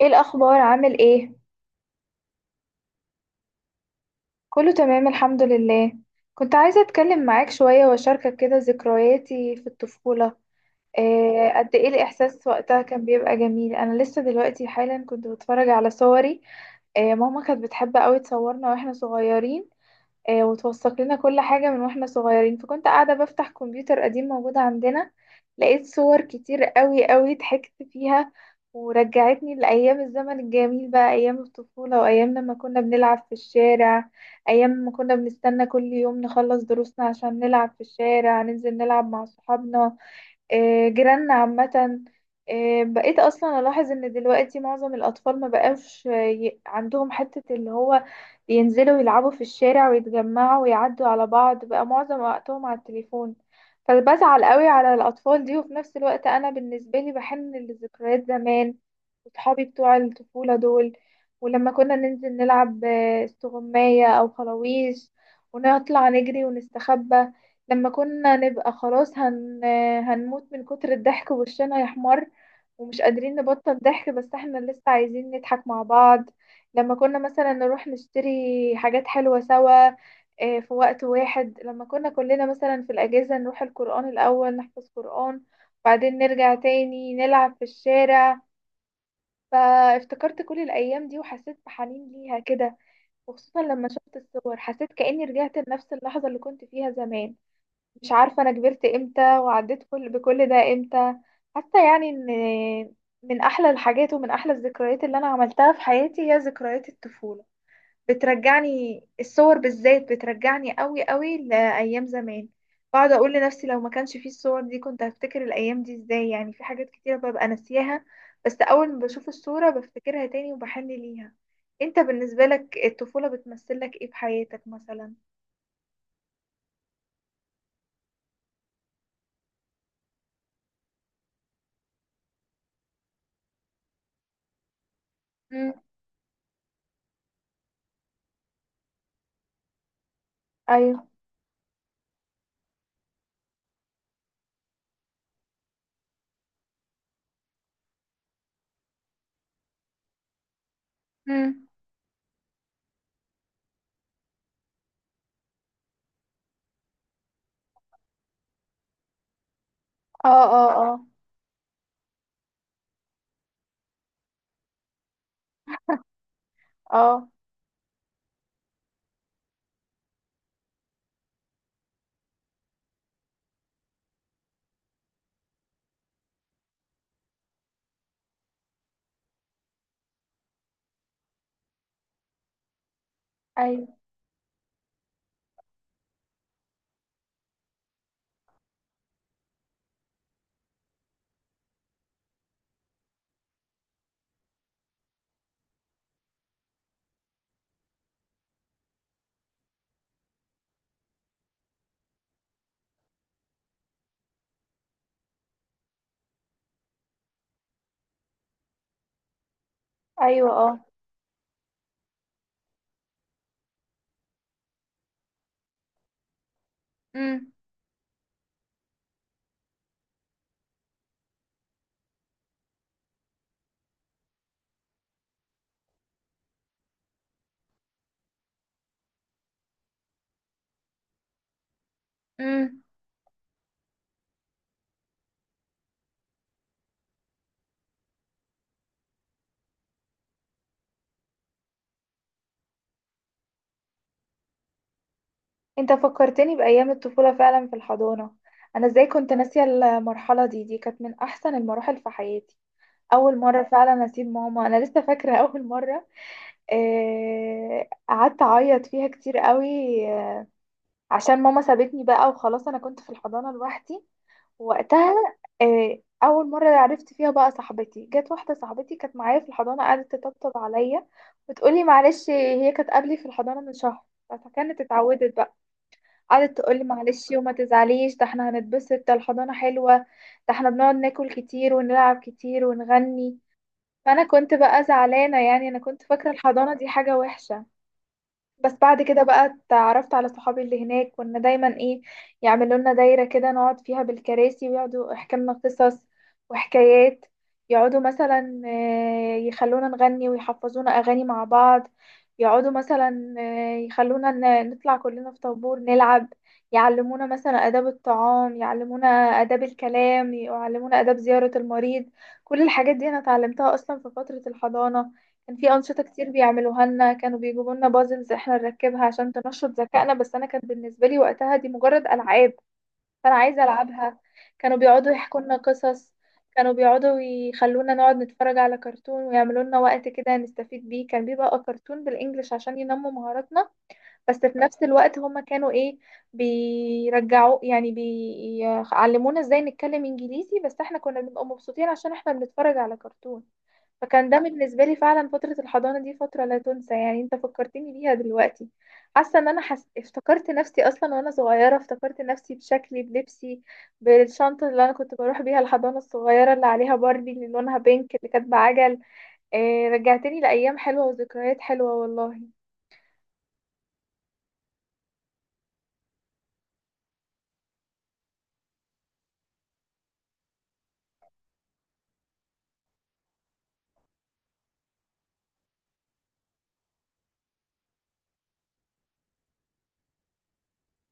ايه الاخبار؟ عامل ايه؟ كله تمام الحمد لله. كنت عايزه اتكلم معاك شويه واشاركك كده ذكرياتي في الطفوله. إيه قد ايه الاحساس وقتها؟ كان بيبقى جميل. انا لسه دلوقتي حالا كنت بتفرج على صوري. إيه، ماما كانت بتحب قوي تصورنا واحنا صغيرين. وتوثق لنا كل حاجة من واحنا صغيرين. فكنت قاعدة بفتح كمبيوتر قديم موجود عندنا، لقيت صور كتير قوي ضحكت فيها ورجعتني لأيام الزمن الجميل، بقى أيام الطفولة وأيام لما كنا بنلعب في الشارع. أيام ما كنا بنستنى كل يوم نخلص دروسنا عشان نلعب في الشارع، ننزل نلعب مع صحابنا، جيراننا عامة. بقيت أصلا ألاحظ إن دلوقتي معظم الأطفال ما بقاش عندهم حتة اللي هو ينزلوا يلعبوا في الشارع ويتجمعوا ويعدوا على بعض. بقى معظم وقتهم على التليفون، فبزعل قوي على الأطفال دي. وفي نفس الوقت أنا بالنسبة لي بحن لذكريات زمان وصحابي بتوع الطفولة دول. ولما كنا ننزل نلعب استغماية أو خلاويش ونطلع نجري ونستخبى، لما كنا نبقى خلاص هنموت من كتر الضحك وشنا يحمر ومش قادرين نبطل ضحك، بس احنا لسه عايزين نضحك مع بعض. لما كنا مثلا نروح نشتري حاجات حلوة سوا، في وقت واحد لما كنا كلنا مثلا في الأجازة نروح القرآن الأول نحفظ قرآن، بعدين نرجع تاني نلعب في الشارع. فافتكرت كل الأيام دي وحسيت بحنين ليها كده، وخصوصا لما شفت الصور حسيت كأني رجعت لنفس اللحظة اللي كنت فيها زمان. مش عارفة أنا كبرت إمتى وعديت كل بكل ده إمتى. حتى يعني إن من أحلى الحاجات ومن أحلى الذكريات اللي أنا عملتها في حياتي هي ذكريات الطفولة. بترجعني الصور بالذات، بترجعني قوي لأيام زمان. بقعد أقول لنفسي لو ما كانش فيه الصور دي كنت هفتكر الأيام دي إزاي؟ يعني في حاجات كتيرة ببقى ناسياها، بس أول ما بشوف الصورة بفتكرها تاني وبحن ليها. أنت بالنسبة لك الطفولة بتمثلك إيه في حياتك مثلا؟ مم. أيوه. مم. اه اه اه. اه. ايوه ايوه اه. امم. امم. انت فكرتني بايام الطفوله فعلا في الحضانه. انا ازاي كنت ناسيه المرحله دي؟ دي كانت من احسن المراحل في حياتي. اول مره فعلا اسيب ماما، انا لسه فاكره اول مره. قعدت اعيط فيها كتير قوي، آه، عشان ماما سابتني بقى وخلاص. انا كنت في الحضانه لوحدي وقتها. اول مره عرفت فيها بقى صاحبتي، جت واحده صاحبتي كانت معايا في الحضانه قعدت تطبطب عليا وتقولي معلش. هي كانت قبلي في الحضانه من شهر فكانت اتعودت بقى. قعدت تقولي معلش وما تزعليش، ده احنا هنتبسط، ده الحضانه حلوه، ده احنا بنقعد ناكل كتير ونلعب كتير ونغني. فانا كنت بقى زعلانه، يعني انا كنت فاكره الحضانه دي حاجه وحشه. بس بعد كده بقى اتعرفت على صحابي اللي هناك. كنا دايما ايه، يعملوا لنا دايرة كده نقعد فيها بالكراسي ويقعدوا يحكوا لنا قصص وحكايات. يقعدوا مثلا يخلونا نغني ويحفظونا أغاني مع بعض. يقعدوا مثلا آه، يخلونا ن- نطلع كلنا في طابور نلعب. يعلمونا مثلا آداب الطعام، يعلمونا آداب الكلام، يعلمونا آداب زيارة المريض. كل الحاجات دي أنا اتعلمتها أصلا في فترة الحضانة. كان في أنشطة كتير بيعملوها لنا، كانوا بيجيبوا لنا بازلز احنا نركبها عشان تنشط ذكائنا. بس أنا كان بالنسبة لي وقتها دي مجرد ألعاب، فأنا عايزة ألعبها. كانوا بيقعدوا يحكوا لنا قصص، كانوا بيقعدوا يخلونا نقعد نتفرج على كرتون ويعملوا لنا وقت كده نستفيد بيه. كان بيبقى كرتون بالإنجلش عشان ينموا مهاراتنا. بس في نفس الوقت هما كانوا إيه، بيرجعوا يعني بيعلمونا إزاي نتكلم إنجليزي. بس احنا كنا بنبقى مبسوطين عشان احنا بنتفرج على كرتون. فكان ده بالنسبة لي فعلا فترة الحضانة دي فترة لا تنسى. يعني انت فكرتني بيها دلوقتي، حاسة ان انا افتكرت نفسي اصلا وانا صغيرة، افتكرت نفسي بشكلي بلبسي بالشنطة اللي انا كنت بروح بيها الحضانة الصغيرة اللي عليها باربي اللي لونها بينك اللي كانت بعجل. إيه، رجعتني لأيام حلوة وذكريات حلوة والله.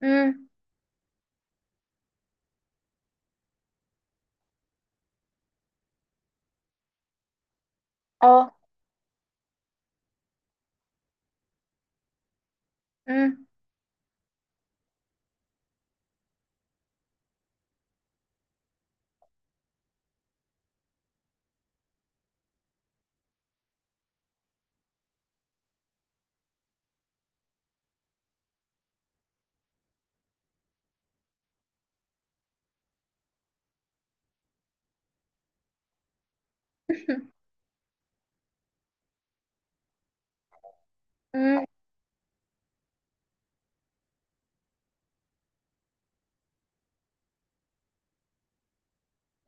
امم. اه. امم. امم.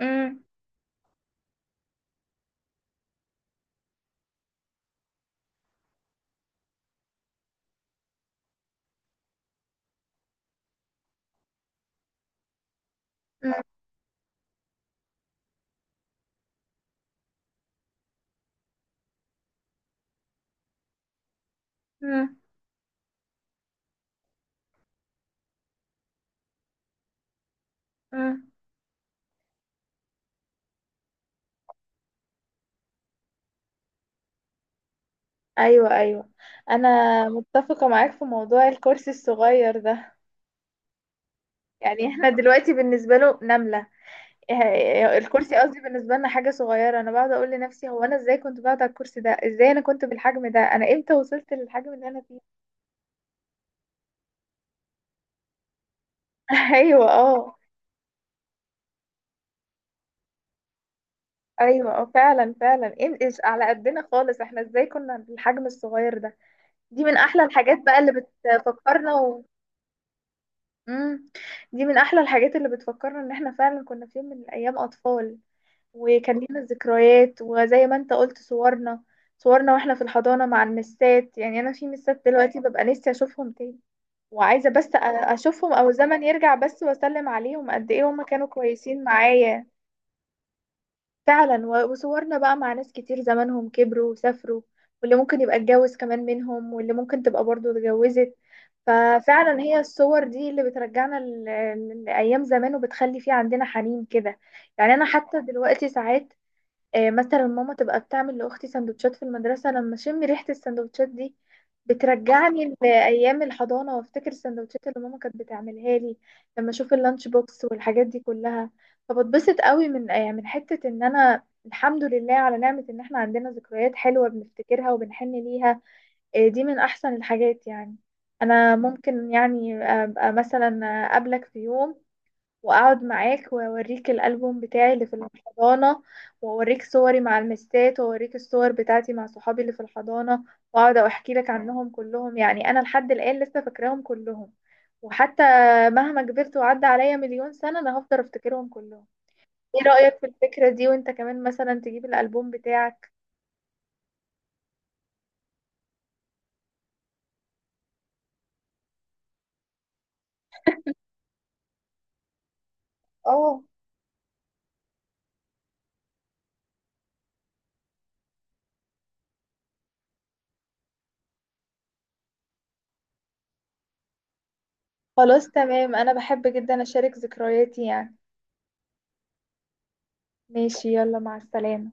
امم. امم. امم. ايوه ايوه. انا متفقة معاك في موضوع الكرسي الصغير ده. يعني احنا دلوقتي بالنسبة له نملة. إيه- إيه، الكرسي قصدي بالنسبة لنا حاجة صغيرة. انا بقعد اقول لنفسي هو انا ازاي كنت بقعد على الكرسي ده؟ ازاي انا كنت بالحجم ده؟ انا امتى وصلت للحجم اللي انا فيه؟ ايوه اه. ايوه اه فعلا فعلا. إيش على قدنا خالص؟ احنا ازاي كنا بالحجم الصغير ده؟ دي من احلى الحاجات بقى اللي بتفكرنا. مم. دي من احلى الحاجات اللي بتفكرنا ان احنا فعلا كنا في يوم من الايام اطفال وكان لينا ذكريات. وزي ما انت قلت، صورنا، صورنا واحنا في الحضانة مع المسات. يعني انا في مسات دلوقتي ببقى نفسي اشوفهم تاني، وعايزة بس اشوفهم او الزمن يرجع بس واسلم عليهم. قد ايه هما كانوا كويسين معايا! فعلا، وصورنا بقى مع ناس كتير زمانهم كبروا وسافروا، واللي ممكن يبقى اتجوز كمان منهم، واللي ممكن تبقى برضو اتجوزت. ففعلا هي الصور دي اللي بترجعنا لأيام زمان وبتخلي في عندنا حنين كده. يعني انا حتى دلوقتي ساعات مثلا ماما تبقى بتعمل لأختي سندوتشات في المدرسة، لما أشم ريحة السندوتشات دي بترجعني لأيام الحضانة وأفتكر السندوتشات اللي ماما كانت بتعملها لي. لما أشوف اللانش بوكس والحاجات دي كلها فبتبسط قوي من من حتة إن أنا الحمد لله على نعمة إن إحنا عندنا ذكريات حلوة بنفتكرها وبنحن ليها. دي من أحسن الحاجات يعني. أنا ممكن يعني أبقى مثلا أقابلك في يوم، واقعد معاك واوريك الالبوم بتاعي اللي في الحضانه، واوريك صوري مع المسات، واوريك الصور بتاعتي مع صحابي اللي في الحضانه، واقعد احكي لك عنهم كلهم. يعني انا لحد الان لسه فاكراهم كلهم، وحتى مهما كبرت وعدى عليا 1000000 سنه انا هفضل افتكرهم كلهم. ايه رايك في الفكره دي؟ وانت كمان مثلا تجيب الالبوم بتاعك. اه، خلاص تمام، انا بحب جدا اشارك ذكرياتي يعني. ماشي، يلا مع السلامه.